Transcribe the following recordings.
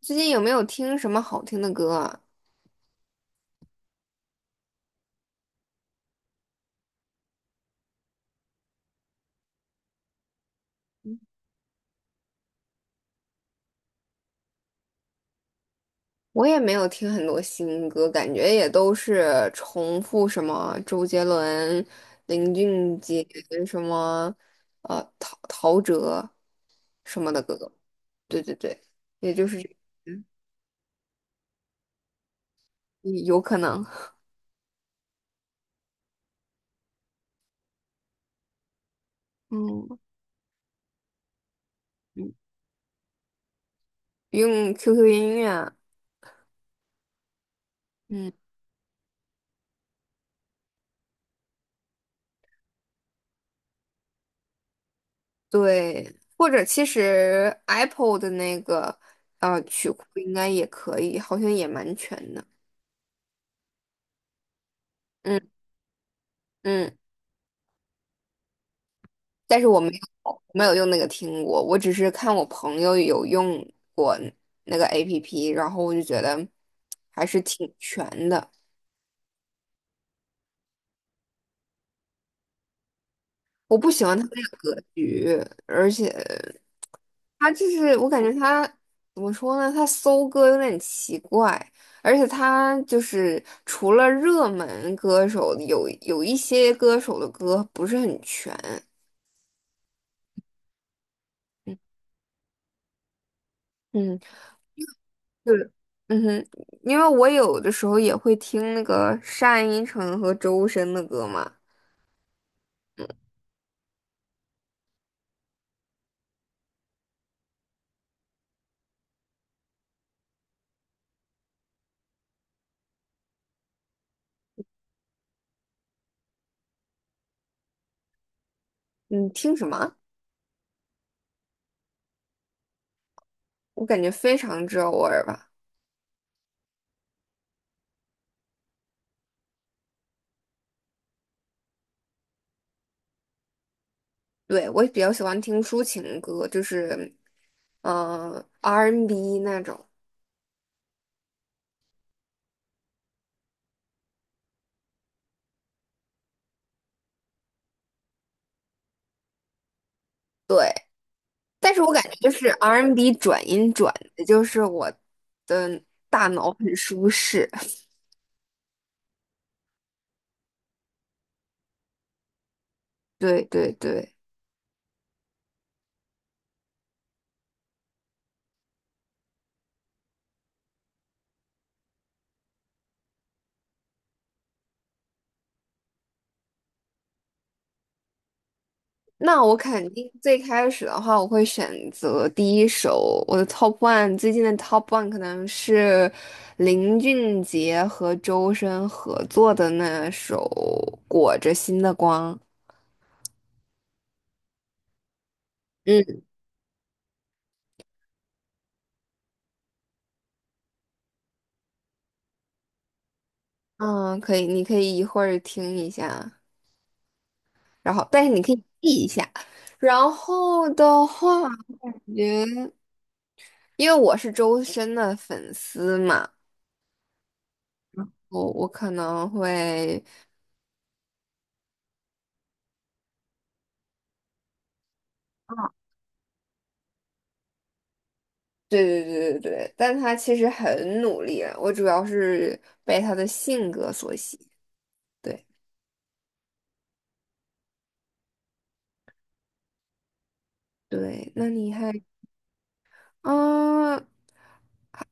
最近有没有听什么好听的歌啊？我也没有听很多新歌，感觉也都是重复什么周杰伦、林俊杰什么，陶陶喆什么的歌。对对对，也就是这嗯，有可能，嗯，嗯用 QQ 音乐，嗯，对，或者其实 Apple 的那个曲库应该也可以，好像也蛮全的，嗯嗯。但是我没有用那个听过，我只是看我朋友有用过那个 APP，然后我就觉得还是挺全的。我不喜欢他那个格局，而且他就是我感觉他怎么说呢？他搜歌有点奇怪，而且他就是除了热门歌手，有一些歌手的歌不是很全。嗯。对，嗯哼，因为我有的时候也会听那个单依纯和周深的歌嘛。你听什么？我感觉非常之偶尔吧。对，我也比较喜欢听抒情歌，就是R&B 那种。对，但是我感觉就是 R&B 转音转的，就是我的大脑很舒适。对对对。那我肯定最开始的话，我会选择第一首我的 top one，最近的 top one 可能是林俊杰和周深合作的那首《裹着心的光》。嗯嗯，可以，你可以一会儿听一下，然后但是你可以记一下。然后的话，我觉得因为我是周深的粉丝嘛，我可能会。对对对对对，但他其实很努力啊，我主要是被他的性格所吸引。对对，那你还啊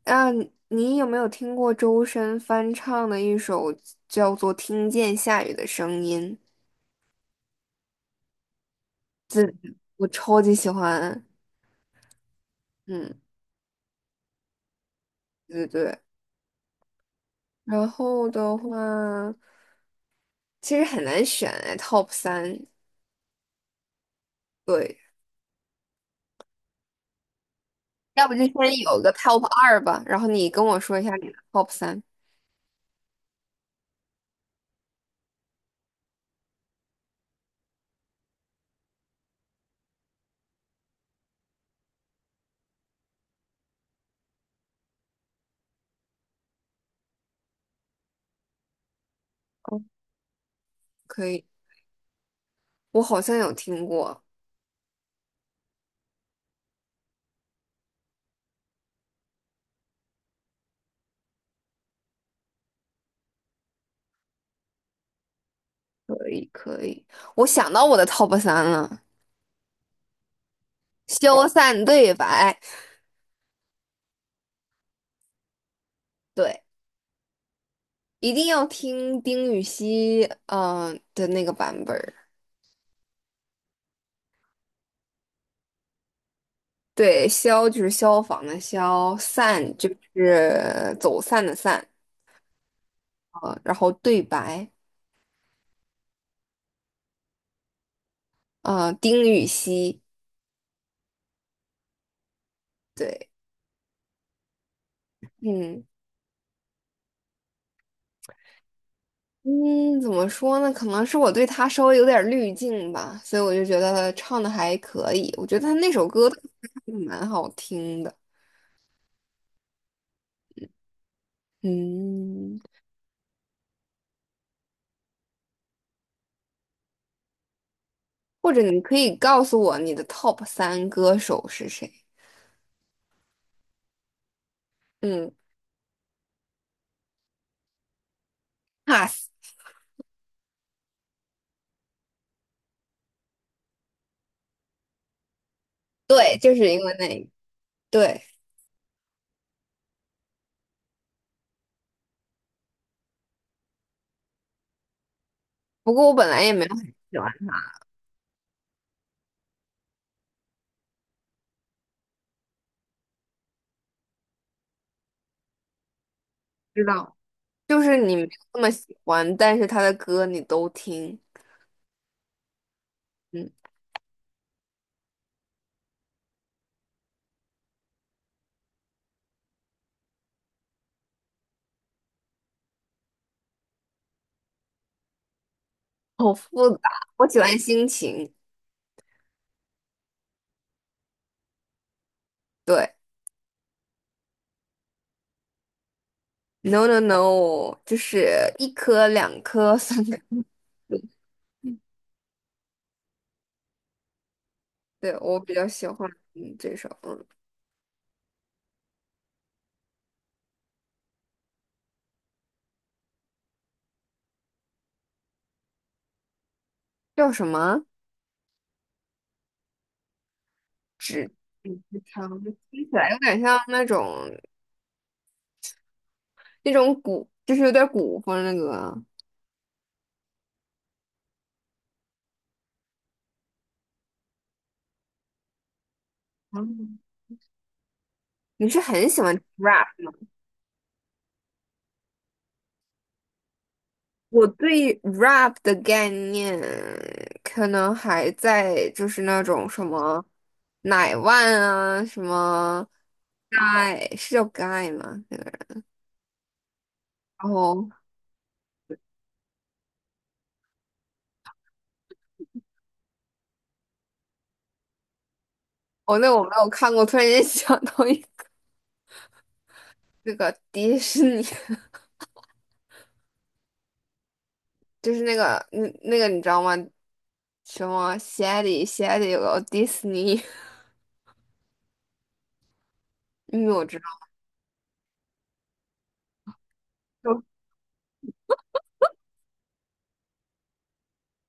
啊，你有没有听过周深翻唱的一首叫做《听见下雨的声音》？我超级喜欢。嗯，对对对。然后的话，其实很难选哎，Top 三。对，要不就先有个 Top 二吧，然后你跟我说一下你的 Top 三，可以。我好像有听过，可以可以，我想到我的 top 三了，《消散对白》，对，一定要听丁禹兮，的那个版本儿，对，消就是消防的消，散就是走散的散，啊，然后对白，啊，丁禹兮，对，嗯。嗯，怎么说呢？可能是我对他稍微有点儿滤镜吧，所以我就觉得他唱的还可以。我觉得他那首歌 还蛮好听的。嗯，或者你可以告诉我你的 top 三歌手是谁？嗯，pass，对，就是因为那个对。不过我本来也没有很喜欢他，知道，就是你没有那么喜欢，但是他的歌你都听，嗯，好复杂。我喜欢心情，对，no no no，就是一颗、两颗、三颗，对，我比较喜欢嗯这首，嗯，叫什么？纸嗯，长，听起来有点像那种。那种古，就是有点古风那个啊。哦你是很喜欢 rap？我对 rap 的概念可能还在就是那种什么奶万啊，什么 guy 是叫 guy 吗？那个然后哦，那我没有看过，突然间想到一个那个迪士尼，就是那个你知道吗？什么 Shady Shady 有个哦迪士尼，因为我知道，就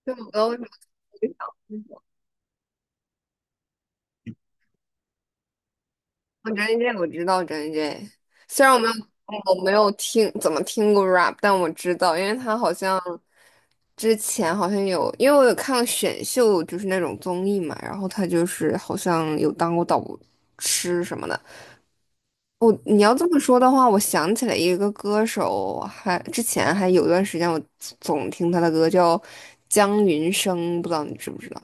就我跟我。我 J J 我知道张 J J，虽然我没有听怎么听过 rap，但我知道，因为他好像之前好像有，因为我有看过选秀，就是那种综艺嘛，然后他就是好像有当过导师什么的。我你要这么说的话，我想起来一个歌手，还之前还有一段时间我总听他的歌，叫江云生，不知道你知不知道？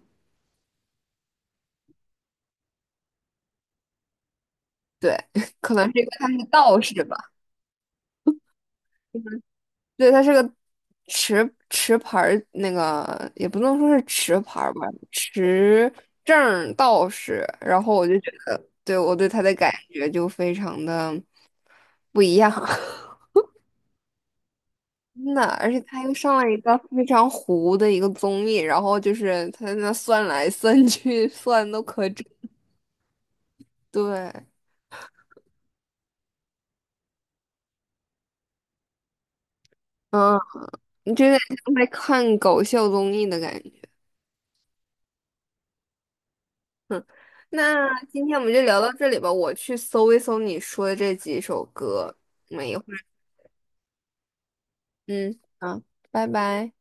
对，可能是因为他是道士吧。对，他是个持牌儿，那个也不能说是持牌儿吧，持证儿道士。然后我就觉得，对我对他的感觉就非常的不一样，真的。而且他又上了一个非常糊的一个综艺，然后就是他在那算来算去，算都可准。对，嗯，你就有点像在看搞笑综艺的感觉。那今天我们就聊到这里吧，我去搜一搜你说的这几首歌。没有。嗯，好，拜拜。